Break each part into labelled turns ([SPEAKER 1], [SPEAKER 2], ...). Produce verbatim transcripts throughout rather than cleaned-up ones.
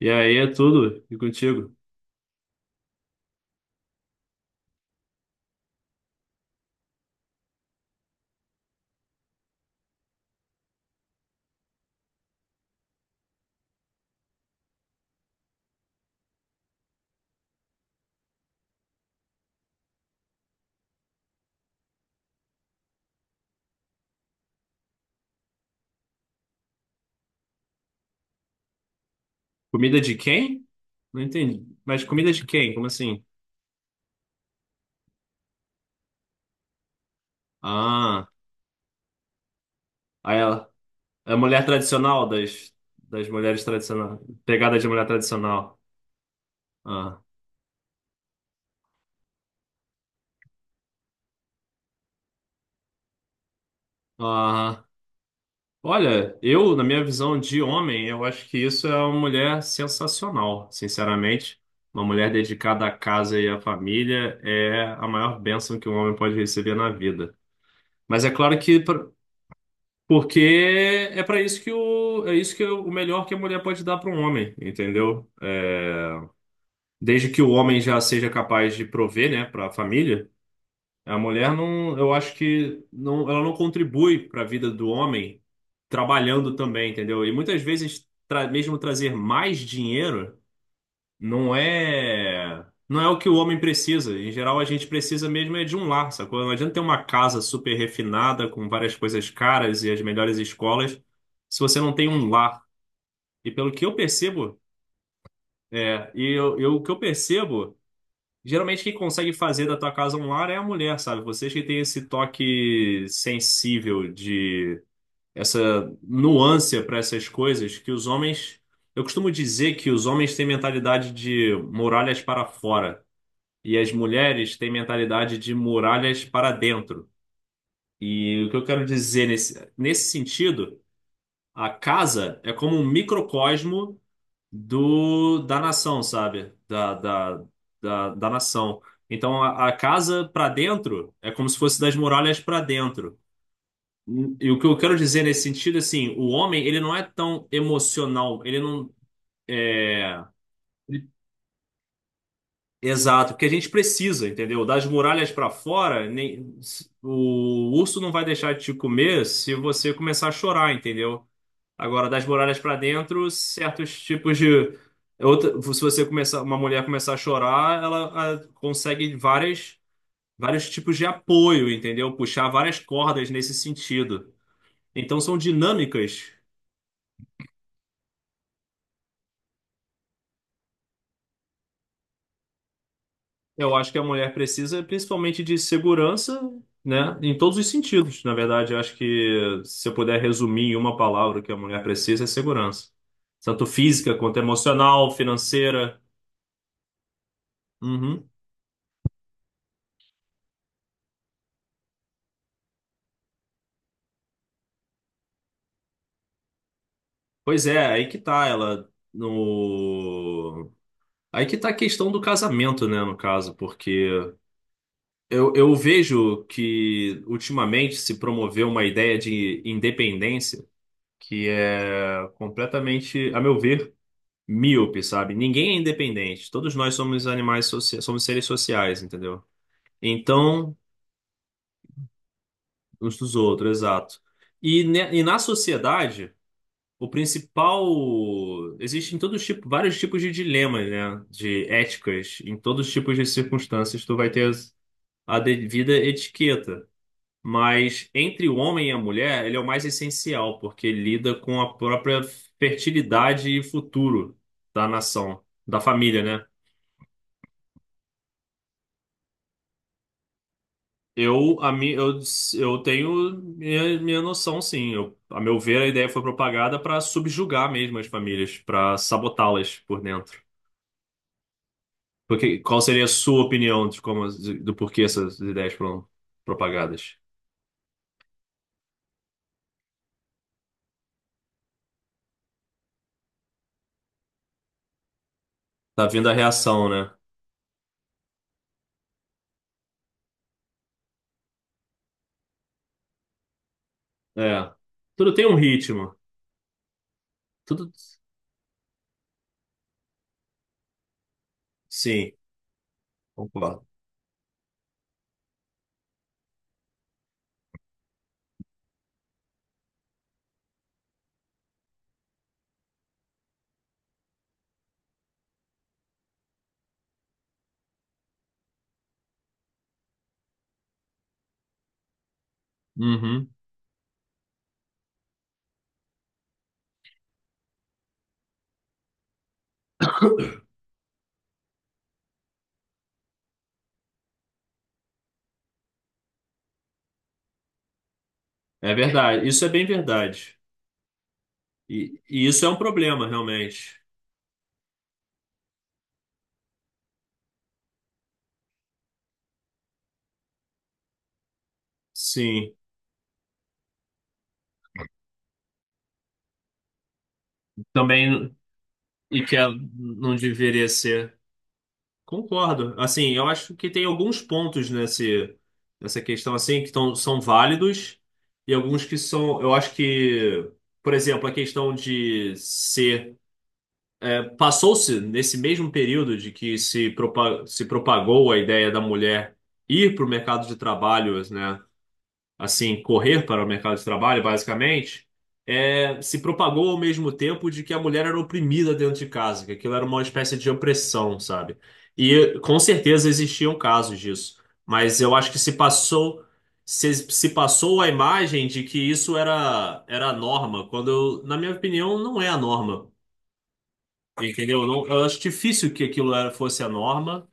[SPEAKER 1] E aí é tudo. E contigo? Comida de quem? Não entendi. Mas comida de quem? Como assim? Ah, aí ela. É a mulher tradicional das, das mulheres tradicionais. Pegada de mulher tradicional. Ah. Ah. Olha, eu, na minha visão de homem, eu acho que isso é uma mulher sensacional, sinceramente. Uma mulher dedicada à casa e à família é a maior bênção que um homem pode receber na vida. Mas é claro que pra- Porque é para isso que o é isso que é o melhor que a mulher pode dar para um homem, entendeu? É, desde que o homem já seja capaz de prover, né, para a família, a mulher não, eu acho que não, ela não contribui para a vida do homem trabalhando também, entendeu? E muitas vezes tra- mesmo trazer mais dinheiro não é não é o que o homem precisa. Em geral, a gente precisa mesmo é de um lar, sacou? Não adianta ter uma casa super refinada com várias coisas caras e as melhores escolas se você não tem um lar. E pelo que eu percebo, é, e eu, eu- o que eu percebo, geralmente quem consegue fazer da tua casa um lar é a mulher, sabe? Vocês que têm esse toque sensível de essa nuance para essas coisas que os homens. Eu costumo dizer que os homens têm mentalidade de muralhas para fora. E as mulheres têm mentalidade de muralhas para dentro. E o que eu quero dizer nesse, nesse sentido, a casa é como um microcosmo do, da nação, sabe? Da, da, da, da nação. Então, a, a casa para dentro é como se fosse das muralhas para dentro. E o que eu quero dizer nesse sentido, assim, o homem, ele não é tão emocional, ele não, é, Exato, porque a gente precisa, entendeu? Das muralhas para fora, nem- o urso não vai deixar de te comer se você começar a chorar, entendeu? Agora, das muralhas para dentro, certos tipos de outra, se você começar, uma mulher começar a chorar, ela ah, consegue várias, vários tipos de apoio, entendeu? Puxar várias cordas nesse sentido. Então, são dinâmicas. Eu acho que a mulher precisa principalmente de segurança, né? Em todos os sentidos. Na verdade, eu acho que se eu puder resumir em uma palavra o que a mulher precisa é segurança. Tanto física quanto emocional, financeira. Uhum. Pois é, aí que tá ela no aí que tá a questão do casamento, né, no caso, porque eu, eu vejo que ultimamente se promoveu uma ideia de independência que é completamente, a meu ver, míope, sabe? Ninguém é independente. Todos nós somos animais, socia- somos seres sociais, entendeu? Então, uns dos outros, exato. E, ne- e na sociedade, o principal. Existem todos tipo, vários tipos de dilemas, né? De éticas. Em todos os tipos de circunstâncias, tu vai ter a devida etiqueta. Mas entre o homem e a mulher, ele é o mais essencial, porque lida com a própria fertilidade e futuro da nação, da família, né? Eu, a mi, eu, eu tenho minha, minha noção, sim. Eu, a meu ver, a ideia foi propagada para subjugar mesmo as famílias, para sabotá-las por dentro. Porque, qual seria a sua opinião de como, do porquê essas ideias foram propagadas? Tá vindo a reação, né? É. Tudo tem um ritmo. Tudo. Sim, concordo. Uhum. É verdade. Isso é bem verdade. E, e isso é um problema, realmente. Sim. Também. E que é- não deveria ser. Concordo. Assim, eu acho que tem alguns pontos nesse, nessa questão assim que tão, são válidos e alguns que são, eu acho que, por exemplo, a questão de ser é, passou-se nesse mesmo período de que se, propa- se propagou a ideia da mulher ir para o mercado de trabalho, né? Assim, correr para o mercado de trabalho, basicamente, é, se propagou ao mesmo tempo de que a mulher era oprimida dentro de casa, que aquilo era uma espécie de opressão, sabe? E com certeza existiam casos disso, mas eu acho que se passou se, se passou a imagem de que isso era era a norma, quando eu, na minha opinião não é a norma, entendeu? Não, eu acho difícil que aquilo era, fosse a norma.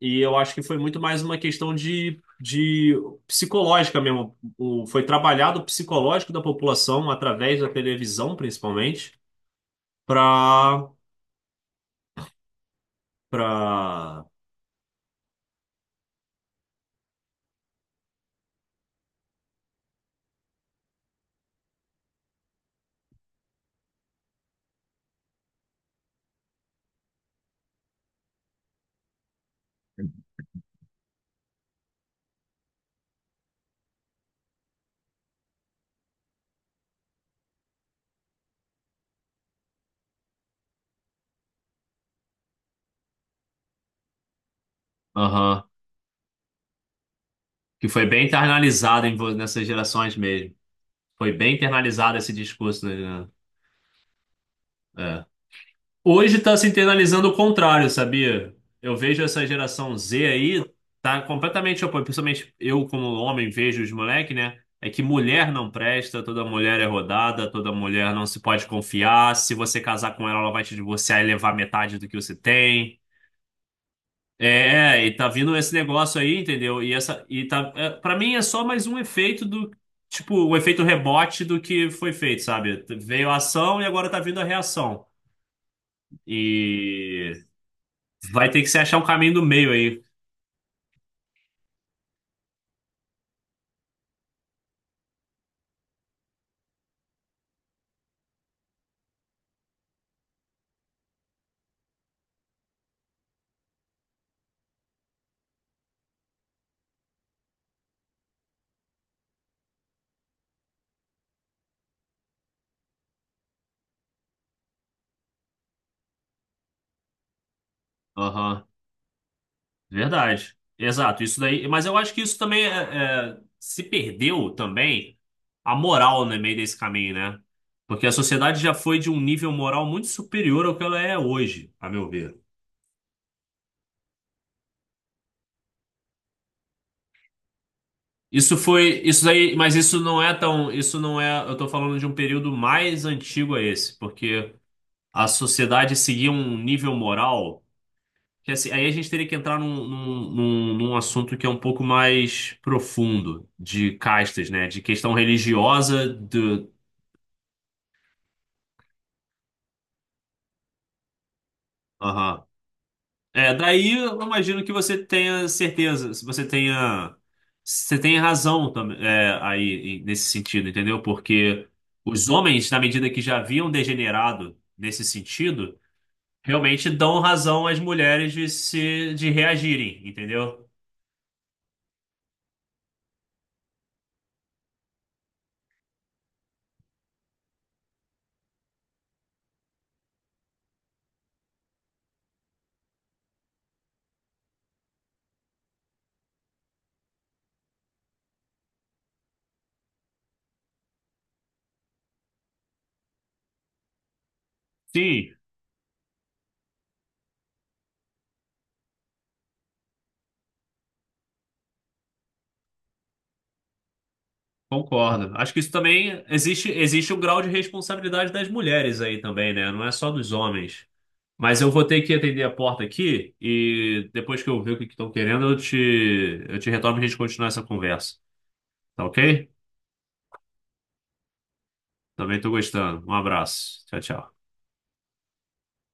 [SPEAKER 1] E eu acho que foi muito mais uma questão de, de psicológica mesmo. O, foi trabalhado o psicológico da população através da televisão, principalmente, para para Aham. Que foi bem internalizado em vo- nessas gerações mesmo. Foi bem internalizado esse discurso, né? Hoje está se internalizando o contrário, sabia? Eu vejo essa geração zê aí, tá completamente oposto. Principalmente eu, como homem, vejo os moleques, né? É que mulher não presta, toda mulher é rodada, toda mulher não se pode confiar. Se você casar com ela, ela vai te divorciar e levar metade do que você tem. É, é, e tá vindo esse negócio aí, entendeu? E essa, e tá, é, Para mim é só mais um efeito do, tipo, um efeito rebote do que foi feito, sabe? Veio a ação e agora tá vindo a reação. E Vai ter que se achar um caminho do meio aí. Aham, verdade. Exato, isso daí. Mas eu acho que isso também é, é, se perdeu também a moral no meio desse caminho, né? Porque a sociedade já foi de um nível moral muito superior ao que ela é hoje, a meu ver. Isso foi, isso daí, mas isso não é tão, isso não é, eu tô falando de um período mais antigo a esse, porque a sociedade seguia um nível moral. Que assim, aí a gente teria que entrar num, num, num, num assunto que é um pouco mais profundo, de castas, né? De questão religiosa do. Aham. É, daí eu imagino que você tenha certeza, se você tenha. Você tem razão também, é, aí, em- nesse sentido, entendeu? Porque os homens, na medida que já haviam degenerado nesse sentido, realmente dão razão às mulheres de se, de reagirem, entendeu? Sim, concordo. Acho que isso também existe, existe um grau de responsabilidade das mulheres aí também, né? Não é só dos homens. Mas eu vou ter que atender a porta aqui e depois que eu ver o que estão querendo, eu te, eu te retorno e a gente continuar essa conversa. Tá ok? Também tô gostando. Um abraço. Tchau, tchau.